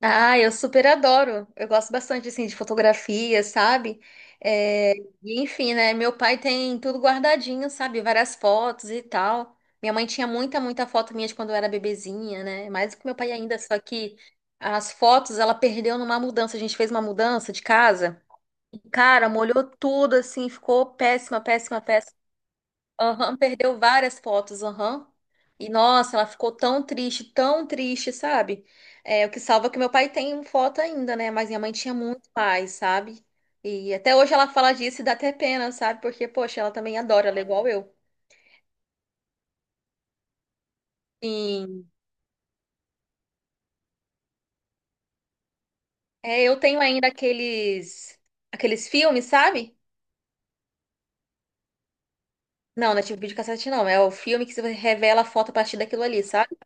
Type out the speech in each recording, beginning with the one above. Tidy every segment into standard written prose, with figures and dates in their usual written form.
Ah, eu super adoro. Eu gosto bastante assim de fotografia, sabe? É, e enfim, né? Meu pai tem tudo guardadinho, sabe? Várias fotos e tal. Minha mãe tinha muita foto minha de quando eu era bebezinha, né? Mais do que meu pai ainda, só que as fotos ela perdeu numa mudança. A gente fez uma mudança de casa. E, cara, molhou tudo assim, ficou péssima, péssima, péssima. Aham, perdeu várias fotos, aham. E nossa, ela ficou tão triste, sabe? É, o que salva é que meu pai tem um foto ainda, né? Mas minha mãe tinha muito mais, sabe? E até hoje ela fala disso e dá até pena, sabe? Porque, poxa, ela também adora, ela é igual eu. Sim. É, eu tenho ainda aqueles aqueles filmes, sabe? Não, não é tipo videocassete, não. É o filme que você revela a foto a partir daquilo ali, sabe?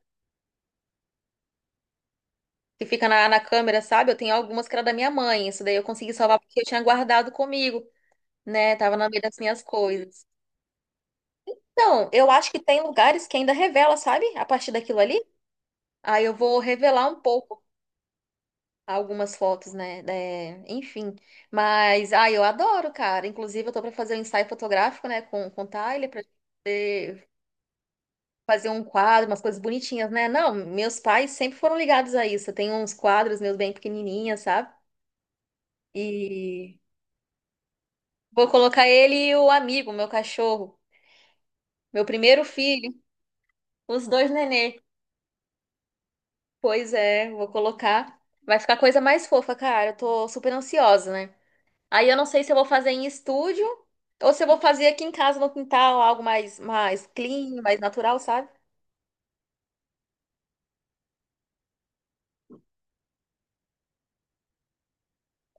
Que fica na câmera, sabe? Eu tenho algumas que era da minha mãe. Isso daí eu consegui salvar porque eu tinha guardado comigo. Né? Tava no meio das minhas coisas. Então, eu acho que tem lugares que ainda revela, sabe? A partir daquilo ali. Aí eu vou revelar um pouco algumas fotos, né? É, enfim. Mas, ah, eu adoro, cara. Inclusive, eu tô pra fazer um ensaio fotográfico, né? Com o Tyler, pra poder fazer um quadro, umas coisas bonitinhas, né? Não, meus pais sempre foram ligados a isso. Eu tenho uns quadros meus bem pequenininhos, sabe? E vou colocar ele e o amigo, meu cachorro, meu primeiro filho, os dois nenê. Pois é, vou colocar. Vai ficar coisa mais fofa, cara. Eu tô super ansiosa, né? Aí eu não sei se eu vou fazer em estúdio ou se eu vou fazer aqui em casa no quintal, algo mais, mais clean, mais natural, sabe?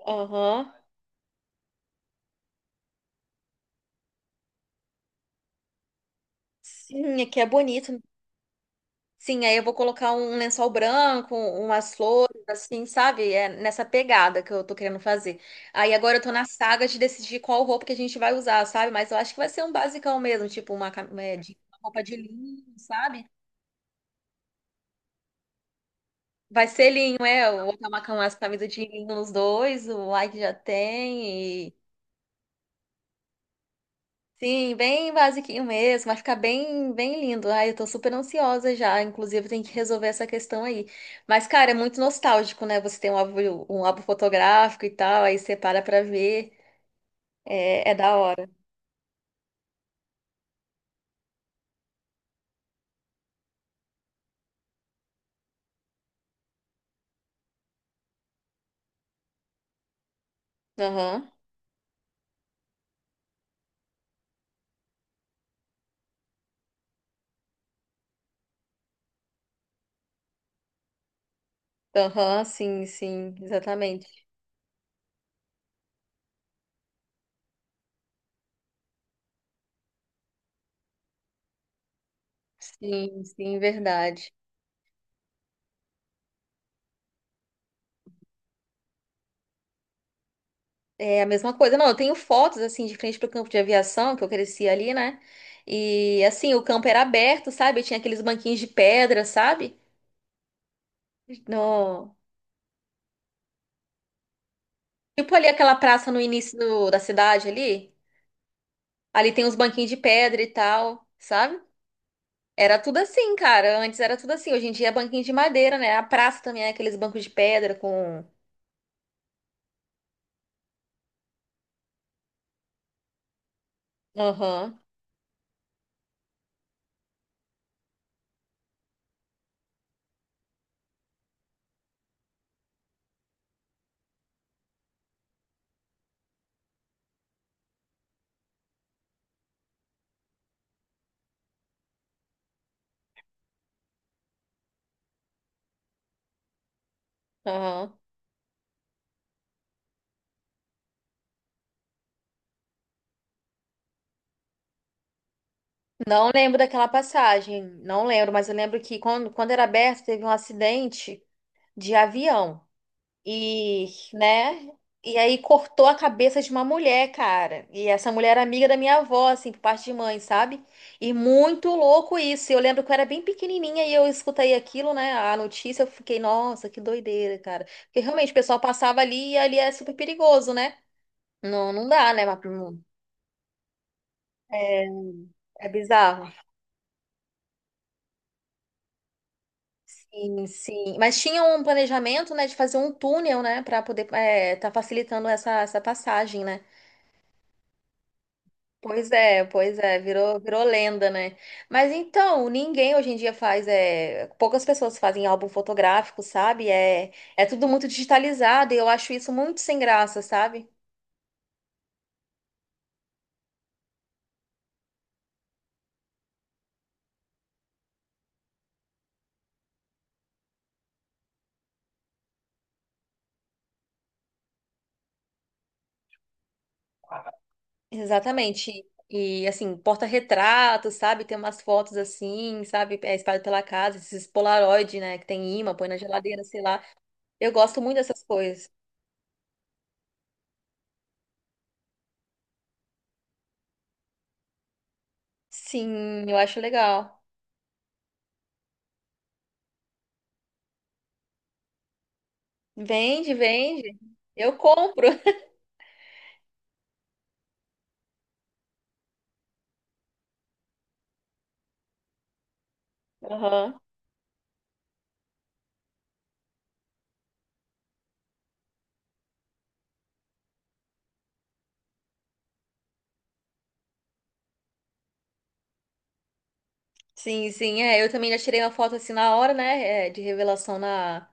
Aham. Sim, aqui é bonito. Sim, aí eu vou colocar um lençol branco, umas flores, assim, sabe? É nessa pegada que eu tô querendo fazer. Aí agora eu tô na saga de decidir qual roupa que a gente vai usar, sabe? Mas eu acho que vai ser um basicão mesmo, tipo uma roupa de linho, sabe? Vai ser linho, é? Eu vou acabar com as camisas de linho nos dois, o like já tem. E... Sim, bem basiquinho mesmo, vai ficar bem, bem lindo. Ai, eu tô super ansiosa já, inclusive tem que resolver essa questão aí. Mas, cara, é muito nostálgico, né? Você tem um álbum fotográfico e tal, aí você para pra ver, é, é da hora. Aham, aham, sim, sim, exatamente. Sim, sim, verdade. É a mesma coisa. Não, eu tenho fotos assim de frente pro campo de aviação, que eu cresci ali, né? E assim, o campo era aberto, sabe? Tinha aqueles banquinhos de pedra, sabe? No... Tipo ali aquela praça no início da cidade ali. Ali tem uns banquinhos de pedra e tal, sabe? Era tudo assim, cara. Antes era tudo assim. Hoje em dia é banquinho de madeira, né? A praça também é aqueles bancos de pedra com. Aham, aham. Não lembro daquela passagem. Não lembro, mas eu lembro que quando era aberto, teve um acidente de avião. E, né? E aí cortou a cabeça de uma mulher, cara. E essa mulher era amiga da minha avó, assim, por parte de mãe, sabe? E muito louco isso. Eu lembro que eu era bem pequenininha e eu escutei aquilo, né? A notícia, eu fiquei, nossa, que doideira, cara. Porque realmente o pessoal passava ali e ali é super perigoso, né? Não, não dá, né? Mas, é, é bizarro. Sim, sim. Mas tinha um planejamento, né, de fazer um túnel, né, para poder tá facilitando essa passagem, né? Pois é, virou, virou lenda, né? Mas então, ninguém hoje em dia faz, é, poucas pessoas fazem álbum fotográfico, sabe? É, é tudo muito digitalizado e eu acho isso muito sem graça, sabe? Exatamente. E assim, porta-retratos, sabe? Tem umas fotos assim, sabe? É, espalhado pela casa, esses Polaroid, né? Que tem imã, põe na geladeira, sei lá. Eu gosto muito dessas coisas. Sim, eu acho legal. Vende, vende. Eu compro. Aham. Sim, sim, é. Eu também já tirei uma foto assim na hora, né? De revelação na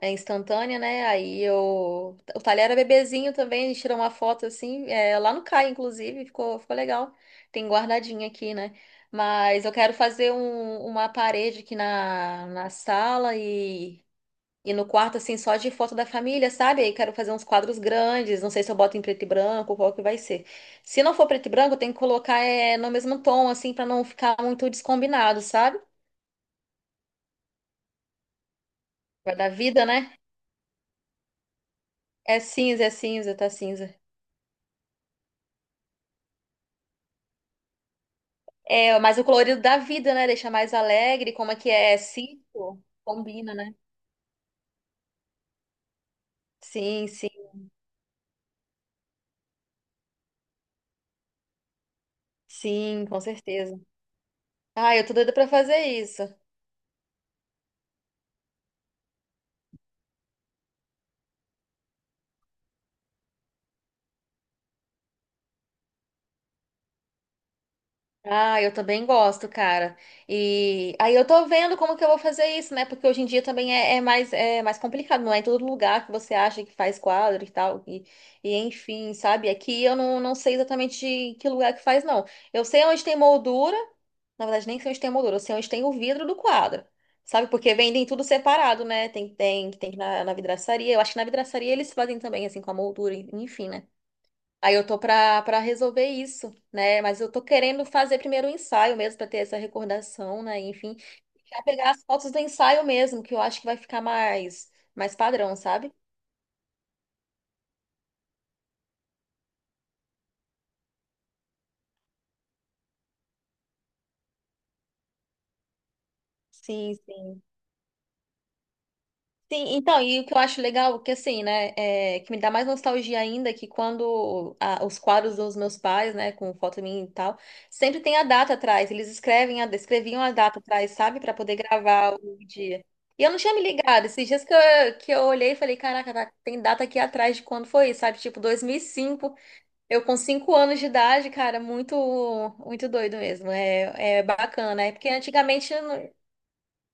é, instantânea, né? Aí eu. O talher era bebezinho também, a gente tirou uma foto assim, é, lá no CAI, inclusive, ficou, ficou legal. Tem guardadinha aqui, né? Mas eu quero fazer uma parede aqui na sala e no quarto, assim, só de foto da família, sabe? Aí quero fazer uns quadros grandes, não sei se eu boto em preto e branco, qual que vai ser. Se não for preto e branco, tem que colocar é, no mesmo tom, assim, pra não ficar muito descombinado, sabe? Vai dar vida, né? É cinza, tá cinza. É, mas o colorido da vida, né? Deixa mais alegre, como é que é? É cinco? Combina, né? Sim, sim, sim, com certeza. Ai, eu tô doida pra fazer isso. Ah, eu também gosto, cara. E aí eu tô vendo como que eu vou fazer isso, né? Porque hoje em dia também é, é mais complicado, não é em todo lugar que você acha que faz quadro e tal. E enfim, sabe? Aqui eu não, não sei exatamente em que lugar que faz, não. Eu sei onde tem moldura, na verdade nem sei onde tem moldura, eu sei onde tem o vidro do quadro. Sabe? Porque vendem tudo separado, né? Tem que ir na vidraçaria. Eu acho que na vidraçaria eles fazem também, assim, com a moldura, enfim, né? Aí eu tô pra resolver isso, né? Mas eu tô querendo fazer primeiro o ensaio mesmo, pra ter essa recordação, né? Enfim, já pegar as fotos do ensaio mesmo, que eu acho que vai ficar mais, mais padrão, sabe? Sim, sim. Sim, então, e o que eu acho legal, que assim, né, é, que me dá mais nostalgia ainda, que quando os quadros dos meus pais, né, com foto minha e tal, sempre tem a data atrás, eles escrevem escreviam a data atrás, sabe, pra poder gravar o dia. E eu não tinha me ligado, esses dias que eu olhei e falei, caraca, tem data aqui atrás de quando foi, sabe, tipo 2005, eu com 5 anos de idade, cara, muito, muito doido mesmo, é, é bacana, é porque antigamente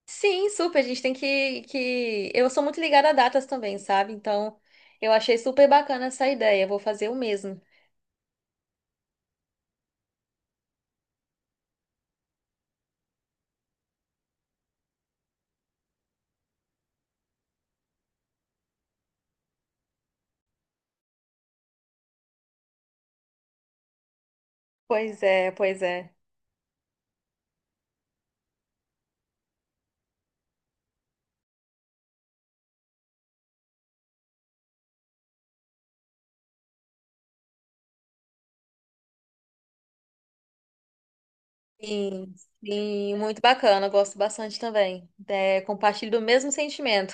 Sim, super. A gente tem que. Eu sou muito ligada a datas também, sabe? Então, eu achei super bacana essa ideia. Vou fazer o mesmo. Pois é, pois é. Sim, sim, muito bacana. Eu gosto bastante também. É, compartilho do mesmo sentimento.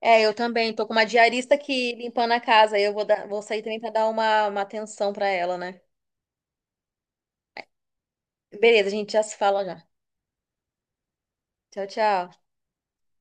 É, eu também. Tô com uma diarista aqui limpando a casa. Eu vou dar, vou sair também para dar uma atenção para ela, né? Beleza, a gente já se fala já. Tchau, tchau.